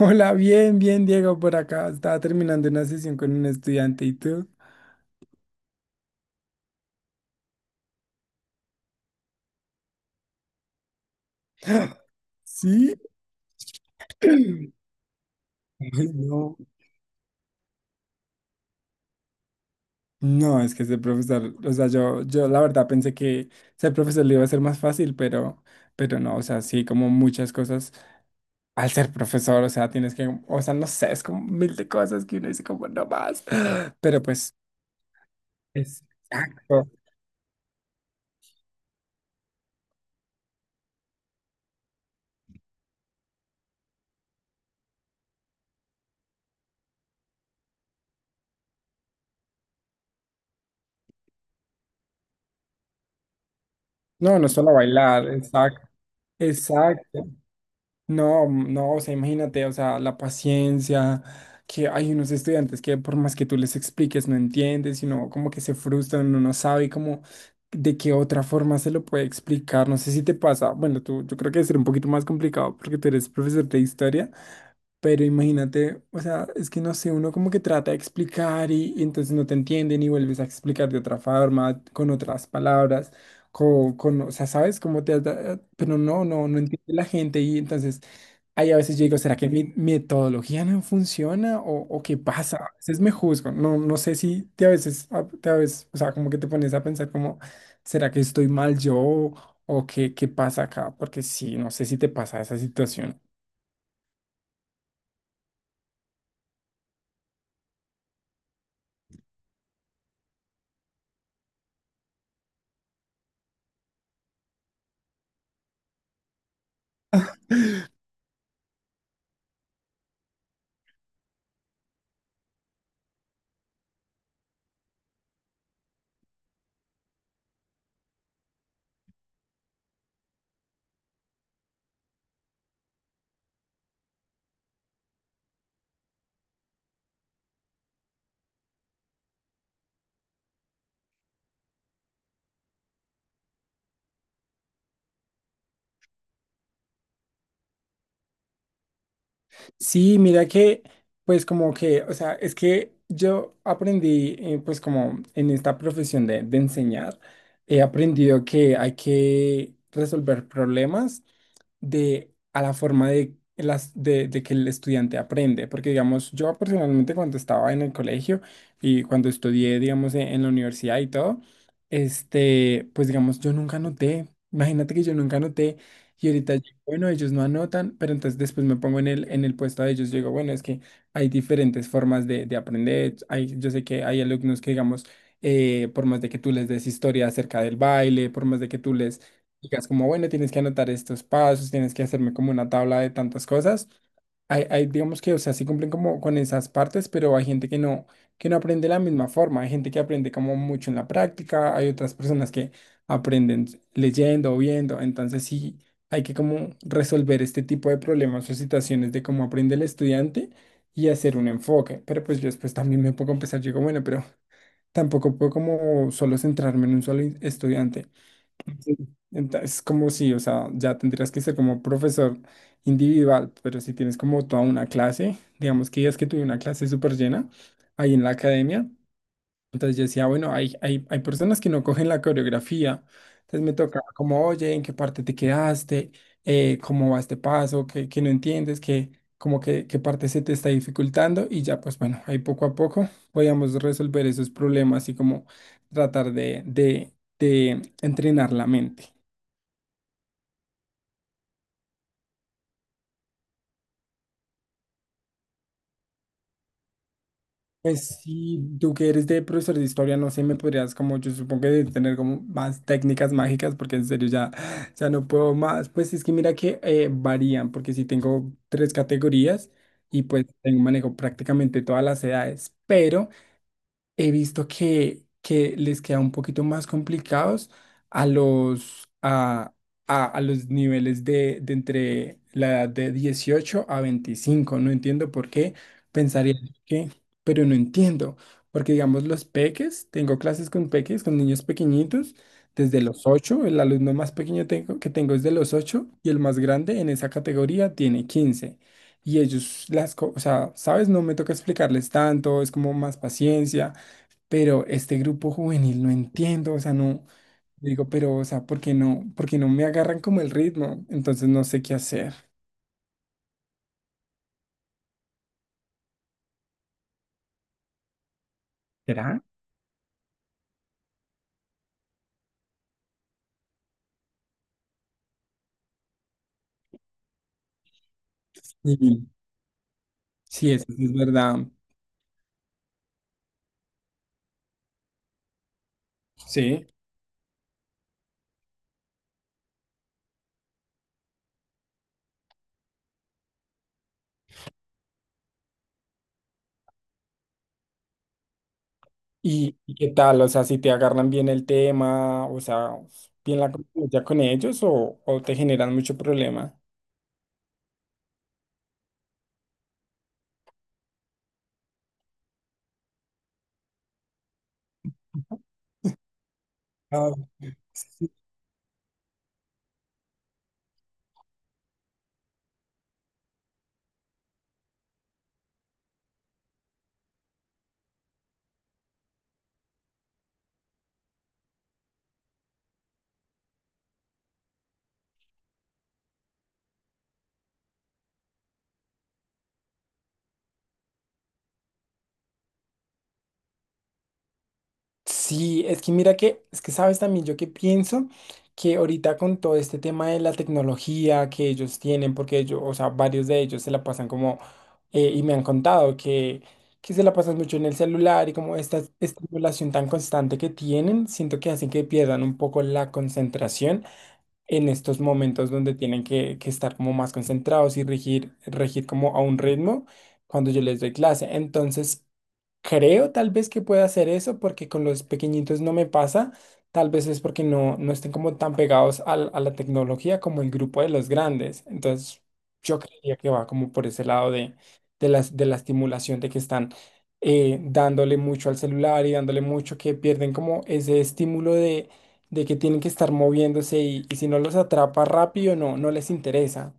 Hola, bien, bien, Diego, por acá. Estaba terminando una sesión con un estudiante y tú. ¿Sí? Ay, no. No, es que ser profesor, o sea, yo la verdad pensé que ser profesor le iba a ser más fácil, pero no, o sea, sí, como muchas cosas. Al ser profesor, o sea, tienes que, o sea, no sé, es como mil de cosas que uno dice como no más. Pero pues, exacto. No, no es solo bailar, exacto. Exacto. No, no, o sea, imagínate, o sea, la paciencia, que hay unos estudiantes que por más que tú les expliques no entienden, sino como que se frustran, uno no sabe como de qué otra forma se lo puede explicar, no sé si te pasa, bueno, tú, yo creo que debe un poquito más complicado porque tú eres profesor de historia. Pero imagínate, o sea, es que no sé, uno como que trata de explicar y entonces no te entienden y vuelves a explicar de otra forma, con otras palabras, con o sea, ¿sabes cómo Pero no, no, no entiende la gente y entonces ahí a veces yo digo, ¿será que mi metodología no funciona o qué pasa? A veces me juzgo, no, no sé si te a veces, o sea, como que te pones a pensar como, ¿será que estoy mal yo o qué pasa acá? Porque sí, no sé si te pasa esa situación. Sí, mira que, pues como que, o sea, es que yo aprendí, pues como en esta profesión de enseñar, he aprendido que hay que resolver problemas de, a la forma de, las, de que el estudiante aprende. Porque, digamos, yo personalmente cuando estaba en el colegio y cuando estudié, digamos, en, la universidad y todo, pues, digamos, yo nunca anoté. Imagínate que yo nunca anoté. Y ahorita, yo, bueno, ellos no anotan, pero entonces después me pongo en el puesto de ellos. Yo digo, bueno, es que hay diferentes formas de aprender. Hay, yo sé que hay alumnos que, digamos, por más de que tú les des historia acerca del baile, por más de que tú les digas como, bueno, tienes que anotar estos pasos, tienes que hacerme como una tabla de tantas cosas. Digamos que, o sea, sí cumplen como con esas partes, pero hay gente que no aprende de la misma forma. Hay gente que aprende como mucho en la práctica, hay otras personas que aprenden leyendo o viendo. Entonces sí hay que como resolver este tipo de problemas o situaciones de cómo aprende el estudiante y hacer un enfoque. Pero pues yo después también me pongo a empezar, yo digo, bueno, pero tampoco puedo como solo centrarme en un solo estudiante. Es como si, o sea, ya tendrías que ser como profesor individual, pero si tienes como toda una clase, digamos que ya es que tuve una clase súper llena ahí en la academia, entonces yo decía, bueno, hay personas que no cogen la coreografía, entonces me toca como, oye, ¿en qué parte te quedaste? ¿Cómo va este paso? ¿Qué no entiendes? ¿Qué, como que, qué parte se te está dificultando? Y ya, pues bueno, ahí poco a poco podíamos resolver esos problemas y como tratar de entrenar la mente. Pues si tú que eres de profesor de historia, no sé, me podrías como, yo supongo que debes tener como más técnicas mágicas, porque en serio ya no puedo más. Pues es que mira que varían, porque si tengo tres categorías y pues tengo, manejo prácticamente todas las edades, pero he visto que, les queda un poquito más complicados a los, a, a los niveles de entre la edad de 18 a 25. No entiendo por qué. Pensaría que, pero no entiendo. Porque, digamos, los peques, tengo clases con peques, con niños pequeñitos, desde los 8. El alumno más pequeño que tengo es de los 8 y el más grande en esa categoría tiene 15. Y ellos, o sea, ¿sabes? No me toca explicarles tanto, es como más paciencia pero este grupo juvenil no entiendo, o sea, no, digo, pero, o sea, ¿por qué no, me agarran como el ritmo? Entonces no sé qué hacer. ¿Será? Sí, sí, eso sí es verdad. Sí. ¿Y qué tal? O sea, si te agarran bien el tema, o sea, bien la convivencia con ellos o te generan mucho problema. Sí, es que mira que, es que sabes también yo que pienso que ahorita con todo este tema de la tecnología que ellos tienen, porque ellos, o sea, varios de ellos se la pasan como, y me han contado que, se la pasan mucho en el celular y como esta estimulación tan constante que tienen, siento que hacen que pierdan un poco la concentración en estos momentos donde tienen que estar como más concentrados y regir, regir como a un ritmo cuando yo les doy clase. Entonces, creo tal vez que pueda hacer eso porque con los pequeñitos no me pasa. Tal vez es porque no, estén como tan pegados a la tecnología como el grupo de los grandes. Entonces, yo creía que va como por ese lado de las, de la estimulación de que están dándole mucho al celular y dándole mucho que pierden como ese estímulo de que tienen que estar moviéndose y si no los atrapa rápido, no les interesa.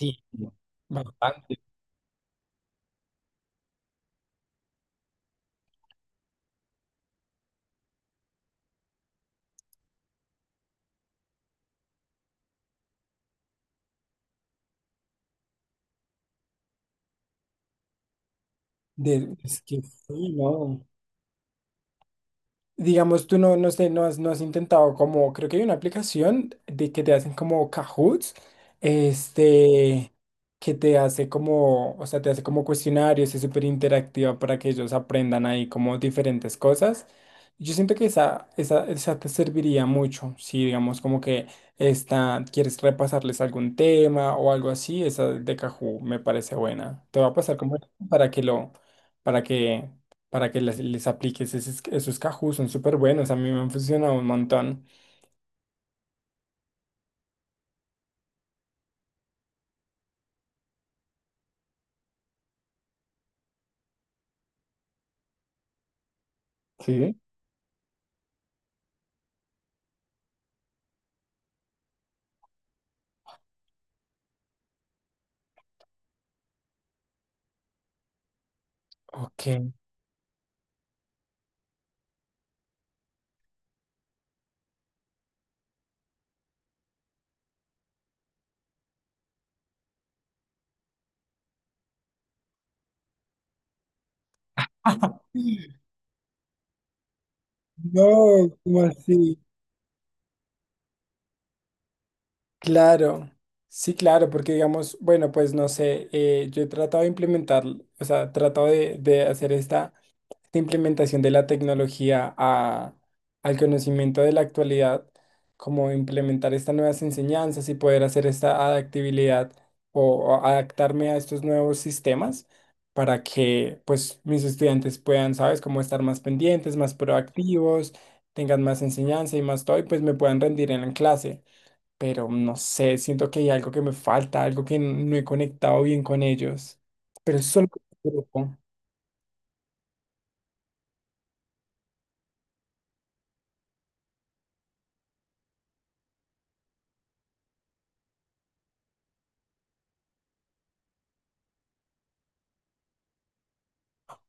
Sí, bastante. Es que sí, no. Digamos, tú no, no sé, no has intentado como, creo que hay una aplicación de que te hacen como Cahoots, este, que te hace como, o sea, te hace como cuestionarios, es súper interactiva para que ellos aprendan ahí como diferentes cosas. Yo siento que esa te serviría mucho, si digamos como que esta, quieres repasarles algún tema o algo así, esa de Kahoot me parece buena. Te va a pasar como para que lo, para que para que les apliques esos Kahoot, son súper buenos, a mí me han funcionado un montón. Sí. Ok. No, ¿cómo así? Claro, sí, claro, porque digamos, bueno, pues no sé, yo he tratado de implementar, o sea, he tratado de hacer esta la implementación de la tecnología al conocimiento de la actualidad, como implementar estas nuevas enseñanzas y poder hacer esta adaptabilidad o adaptarme a estos nuevos sistemas para que pues mis estudiantes puedan, ¿sabes?, cómo estar más pendientes, más proactivos, tengan más enseñanza y más todo y pues me puedan rendir en la clase. Pero no sé, siento que hay algo que me falta, algo que no he conectado bien con ellos. Pero es solo grupo.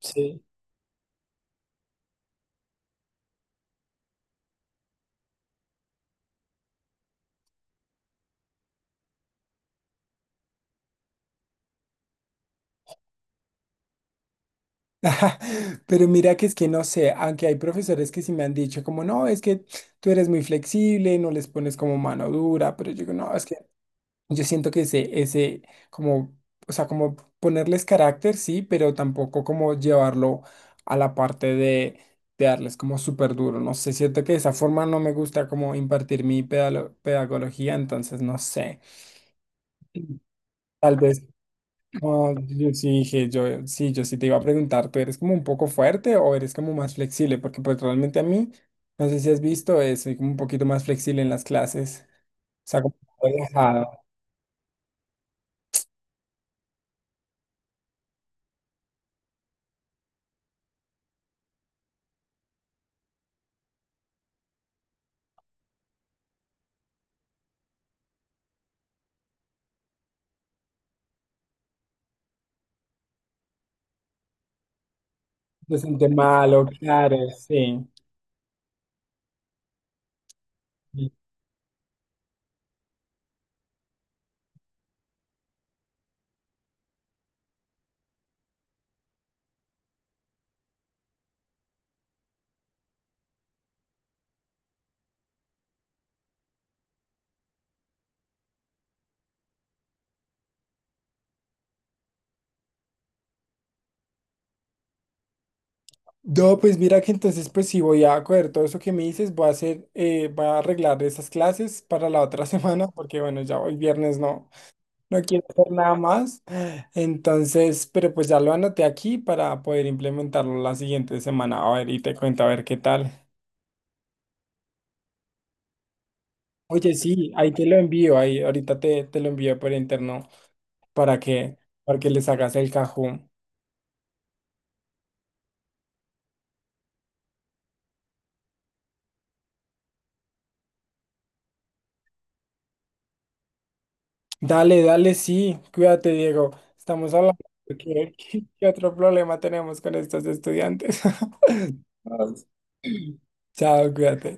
Sí. Ajá, pero mira que es que no sé, aunque hay profesores que sí me han dicho como, no, es que tú eres muy flexible, no les pones como mano dura, pero yo digo, no, es que yo siento que como, o sea, como ponerles carácter, sí, pero tampoco como llevarlo a la parte de darles como súper duro, no sé, siento que de esa forma no me gusta como impartir mi pedagogía, entonces no sé, tal vez. No, yo sí dije, yo sí te iba a preguntar, ¿tú eres como un poco fuerte o eres como más flexible? Porque pues realmente a mí, no sé si has visto, soy como un poquito más flexible en las clases. O sea, como relajado, se siente malo, claro, sí. Sí. No, pues mira que entonces pues sí voy a coger todo eso que me dices, voy a hacer, voy a arreglar esas clases para la otra semana, porque bueno, ya hoy viernes no. No quiero hacer nada más. Entonces, pero pues ya lo anoté aquí para poder implementarlo la siguiente semana. A ver, y te cuento a ver qué tal. Oye, sí, ahí te lo envío, ahí ahorita te lo envío por interno para que, para que les hagas el cajón. Dale, dale, sí, cuídate, Diego. Estamos hablando de qué otro problema tenemos con estos estudiantes. Chao, cuídate.